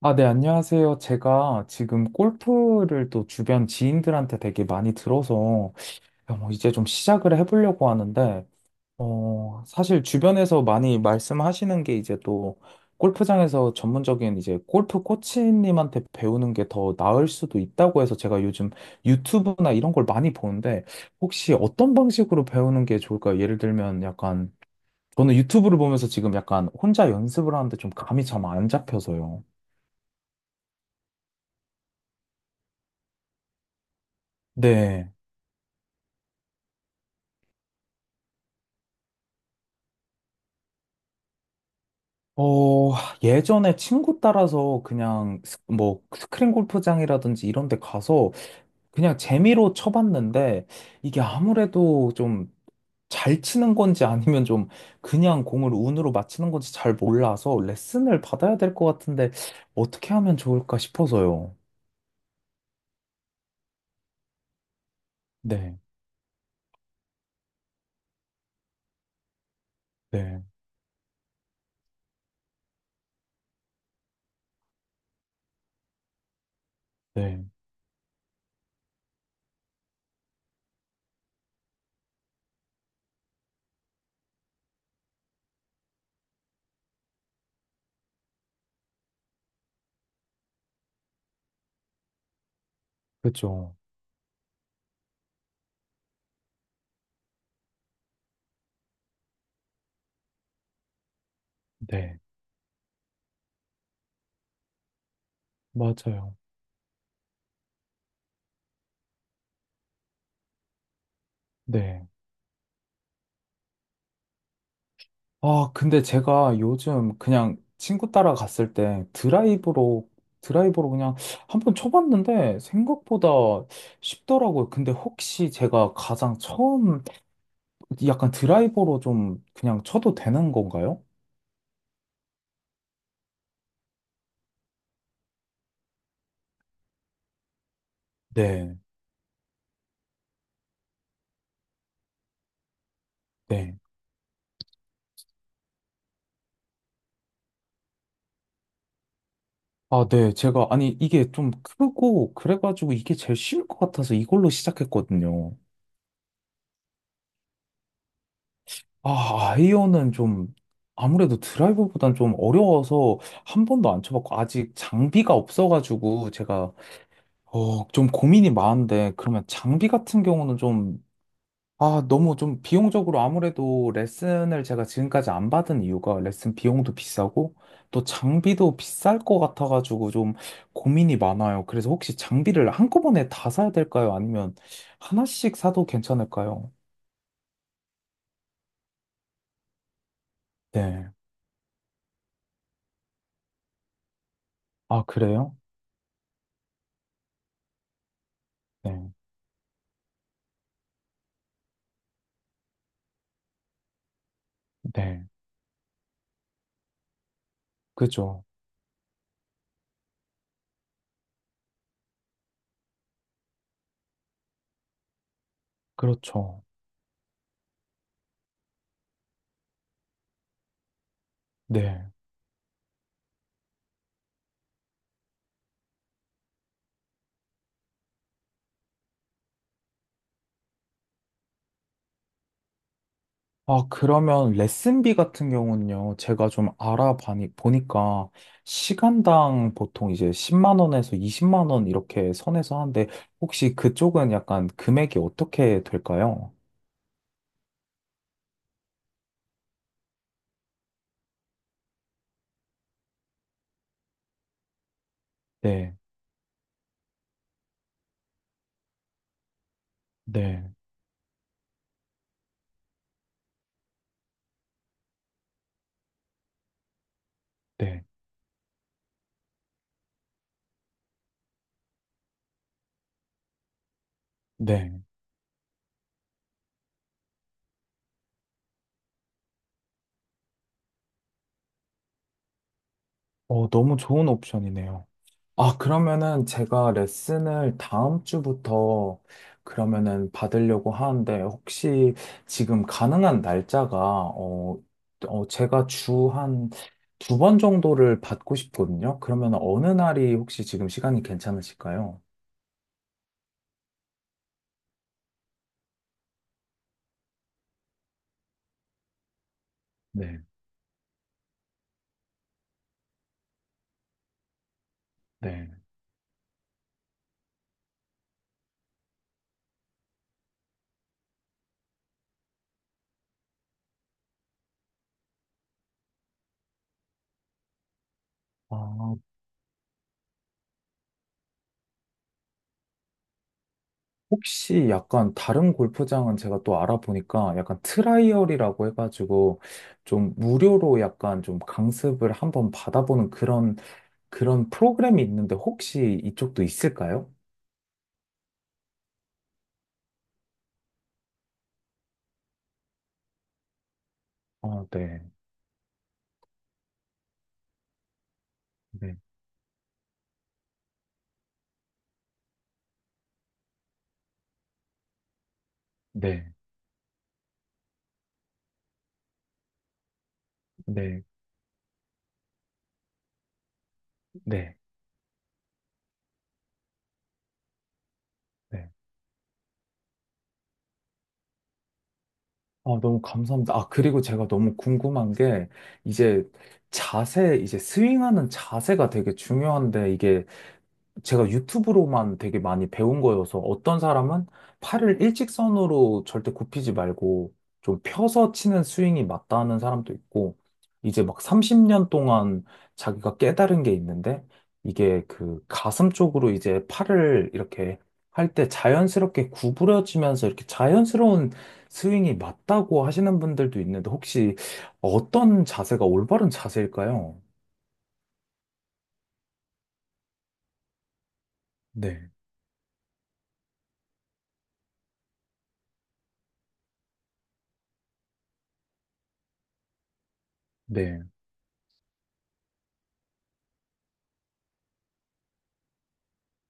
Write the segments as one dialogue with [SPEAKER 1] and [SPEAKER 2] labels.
[SPEAKER 1] 아, 네, 안녕하세요. 제가 지금 골프를 또 주변 지인들한테 되게 많이 들어서 야, 뭐 이제 좀 시작을 해보려고 하는데, 어, 사실 주변에서 많이 말씀하시는 게 이제 또 골프장에서 전문적인 이제 골프 코치님한테 배우는 게 더 나을 수도 있다고 해서 제가 요즘 유튜브나 이런 걸 많이 보는데 혹시 어떤 방식으로 배우는 게 좋을까요? 예를 들면 약간 저는 유튜브를 보면서 지금 약간 혼자 연습을 하는데 좀 감이 참 안 잡혀서요. 네. 어, 예전에 친구 따라서 그냥 뭐 스크린 골프장이라든지 이런 데 가서 그냥 재미로 쳐봤는데 이게 아무래도 좀 잘 치는 건지 아니면 좀 그냥 공을 운으로 맞히는 건지 잘 몰라서 레슨을 받아야 될 것 같은데 어떻게 하면 좋을까 싶어서요. 네, 네, 네. 그죠. 네, 맞아요. 네. 아, 근데 제가 요즘 그냥 친구 따라 갔을 때 드라이브로 그냥 한 번 쳐봤는데 생각보다 쉽더라고요. 근데 혹시 제가 가장 처음 약간 드라이버로 좀 그냥 쳐도 되는 건가요? 네, 네. 아, 네. 제가, 아니, 이게 좀 크고, 그래가지고 이게 제일 쉬울 것 같아서 이걸로 시작했거든요. 아, 아이언은 좀 아무래도 드라이버보단 좀 어려워서 한 번도 안 쳐봤고 아직 장비가 없어가지고 제가 어, 좀 고민이 많은데 그러면 장비 같은 경우는 좀 아, 너무 좀 비용적으로 아무래도 레슨을 제가 지금까지 안 받은 이유가 레슨 비용도 비싸고 또 장비도 비쌀 것 같아가지고 좀 고민이 많아요. 그래서 혹시 장비를 한꺼번에 다 사야 될까요? 아니면 하나씩 사도 괜찮을까요? 네. 아, 그래요? 네. 네. 그죠. 그렇죠. 네. 아, 그러면 레슨비 같은 경우는요, 제가 좀 보니까, 시간당 보통 이제 10만 원에서 20만 원 이렇게 선에서 하는데, 혹시 그쪽은 약간 금액이 어떻게 될까요? 네, 네, 네, 네. 어, 너무 좋은 옵션이네요. 아, 그러면은 제가 레슨을 다음 주부터 그러면은 받으려고 하는데 혹시 지금 가능한 날짜가 어, 어 제가 주 한 두 번 정도를 받고 싶거든요. 그러면 어느 날이 혹시 지금 시간이 괜찮으실까요? 네, 네. 아, 혹시 약간 다른 골프장은 제가 또 알아보니까 약간 트라이얼이라고 해가지고 좀 무료로 약간 좀 강습을 한번 받아보는 그런 프로그램이 있는데 혹시 이쪽도 있을까요? 아, 네, 네, 네, 네, 네, 네. 아, 너무 감사합니다. 아, 그리고 제가 너무 궁금한 게, 이제 자세, 이제 스윙하는 자세가 되게 중요한데, 이게 제가 유튜브로만 되게 많이 배운 거여서 어떤 사람은 팔을 일직선으로 절대 굽히지 말고 좀 펴서 치는 스윙이 맞다는 사람도 있고 이제 막 30년 동안 자기가 깨달은 게 있는데 이게 그 가슴 쪽으로 이제 팔을 이렇게 할 때 자연스럽게 구부려지면서 이렇게 자연스러운 스윙이 맞다고 하시는 분들도 있는데 혹시 어떤 자세가 올바른 자세일까요? 네, 네,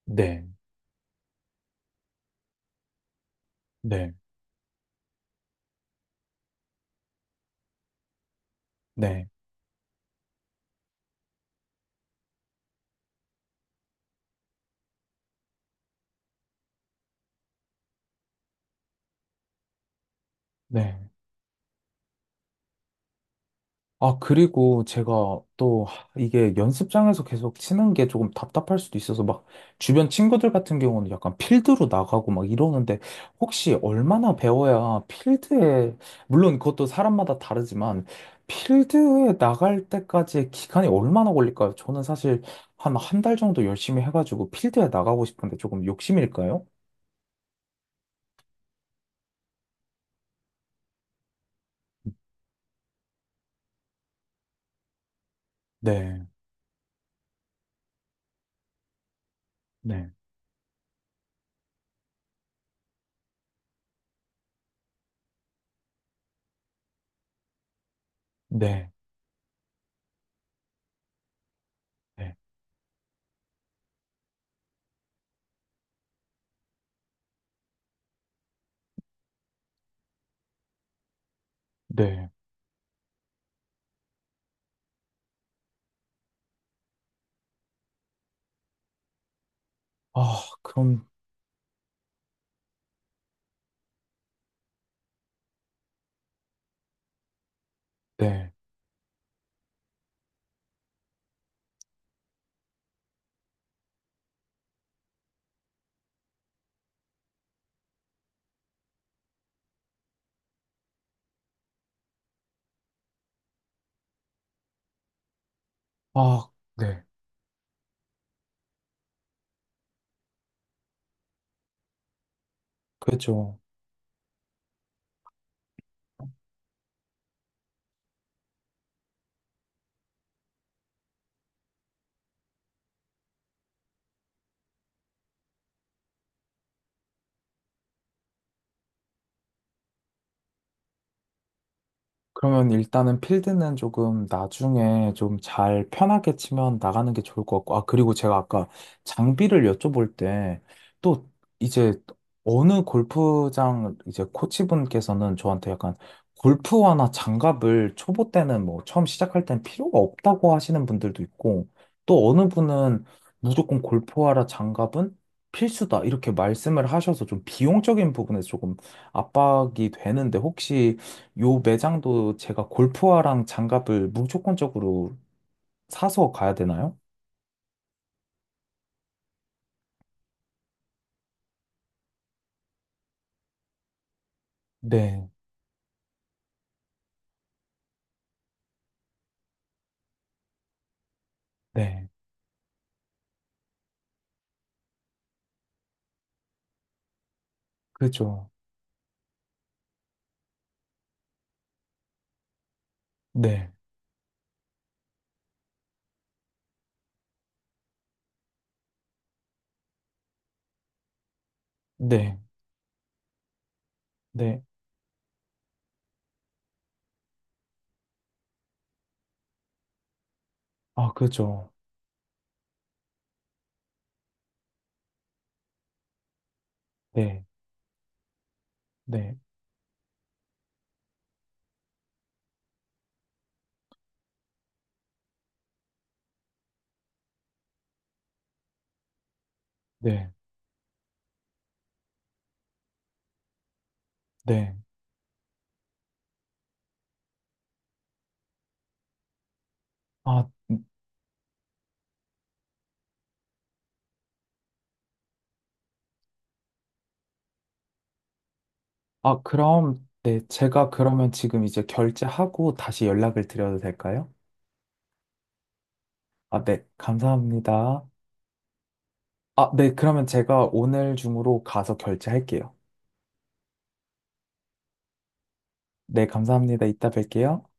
[SPEAKER 1] 네, 네, 네. 네. 아, 그리고 제가 또 이게 연습장에서 계속 치는 게 조금 답답할 수도 있어서 막 주변 친구들 같은 경우는 약간 필드로 나가고 막 이러는데 혹시 얼마나 배워야 필드에, 물론 그것도 사람마다 다르지만 필드에 나갈 때까지의 기간이 얼마나 걸릴까요? 저는 사실 한 한 달 정도 열심히 해가지고 필드에 나가고 싶은데 조금 욕심일까요? 네, 네. 네, 네, 네. 아, 그럼, 네. 아, 네. 그렇죠. 그러면 일단은 필드는 조금 나중에 좀 잘 편하게 치면 나가는 게 좋을 것 같고, 아, 그리고 제가 아까 장비를 여쭤볼 때, 또 이제 어느 골프장 이제 코치분께서는 저한테 약간 골프화나 장갑을 초보 때는 뭐 처음 시작할 땐 필요가 없다고 하시는 분들도 있고, 또 어느 분은 무조건 골프화라 장갑은 필수다 이렇게 말씀을 하셔서 좀 비용적인 부분에서 조금 압박이 되는데 혹시 요 매장도 제가 골프화랑 장갑을 무조건적으로 사서 가야 되나요? 네, 네, 그죠. 네, 네, 네. 아, 그죠. 네, 네, 네, 네. 아, 아, 그럼, 네, 제가 그러면 지금 이제 결제하고 다시 연락을 드려도 될까요? 아, 네, 감사합니다. 아, 네, 그러면 제가 오늘 중으로 가서 결제할게요. 네, 감사합니다. 이따 뵐게요.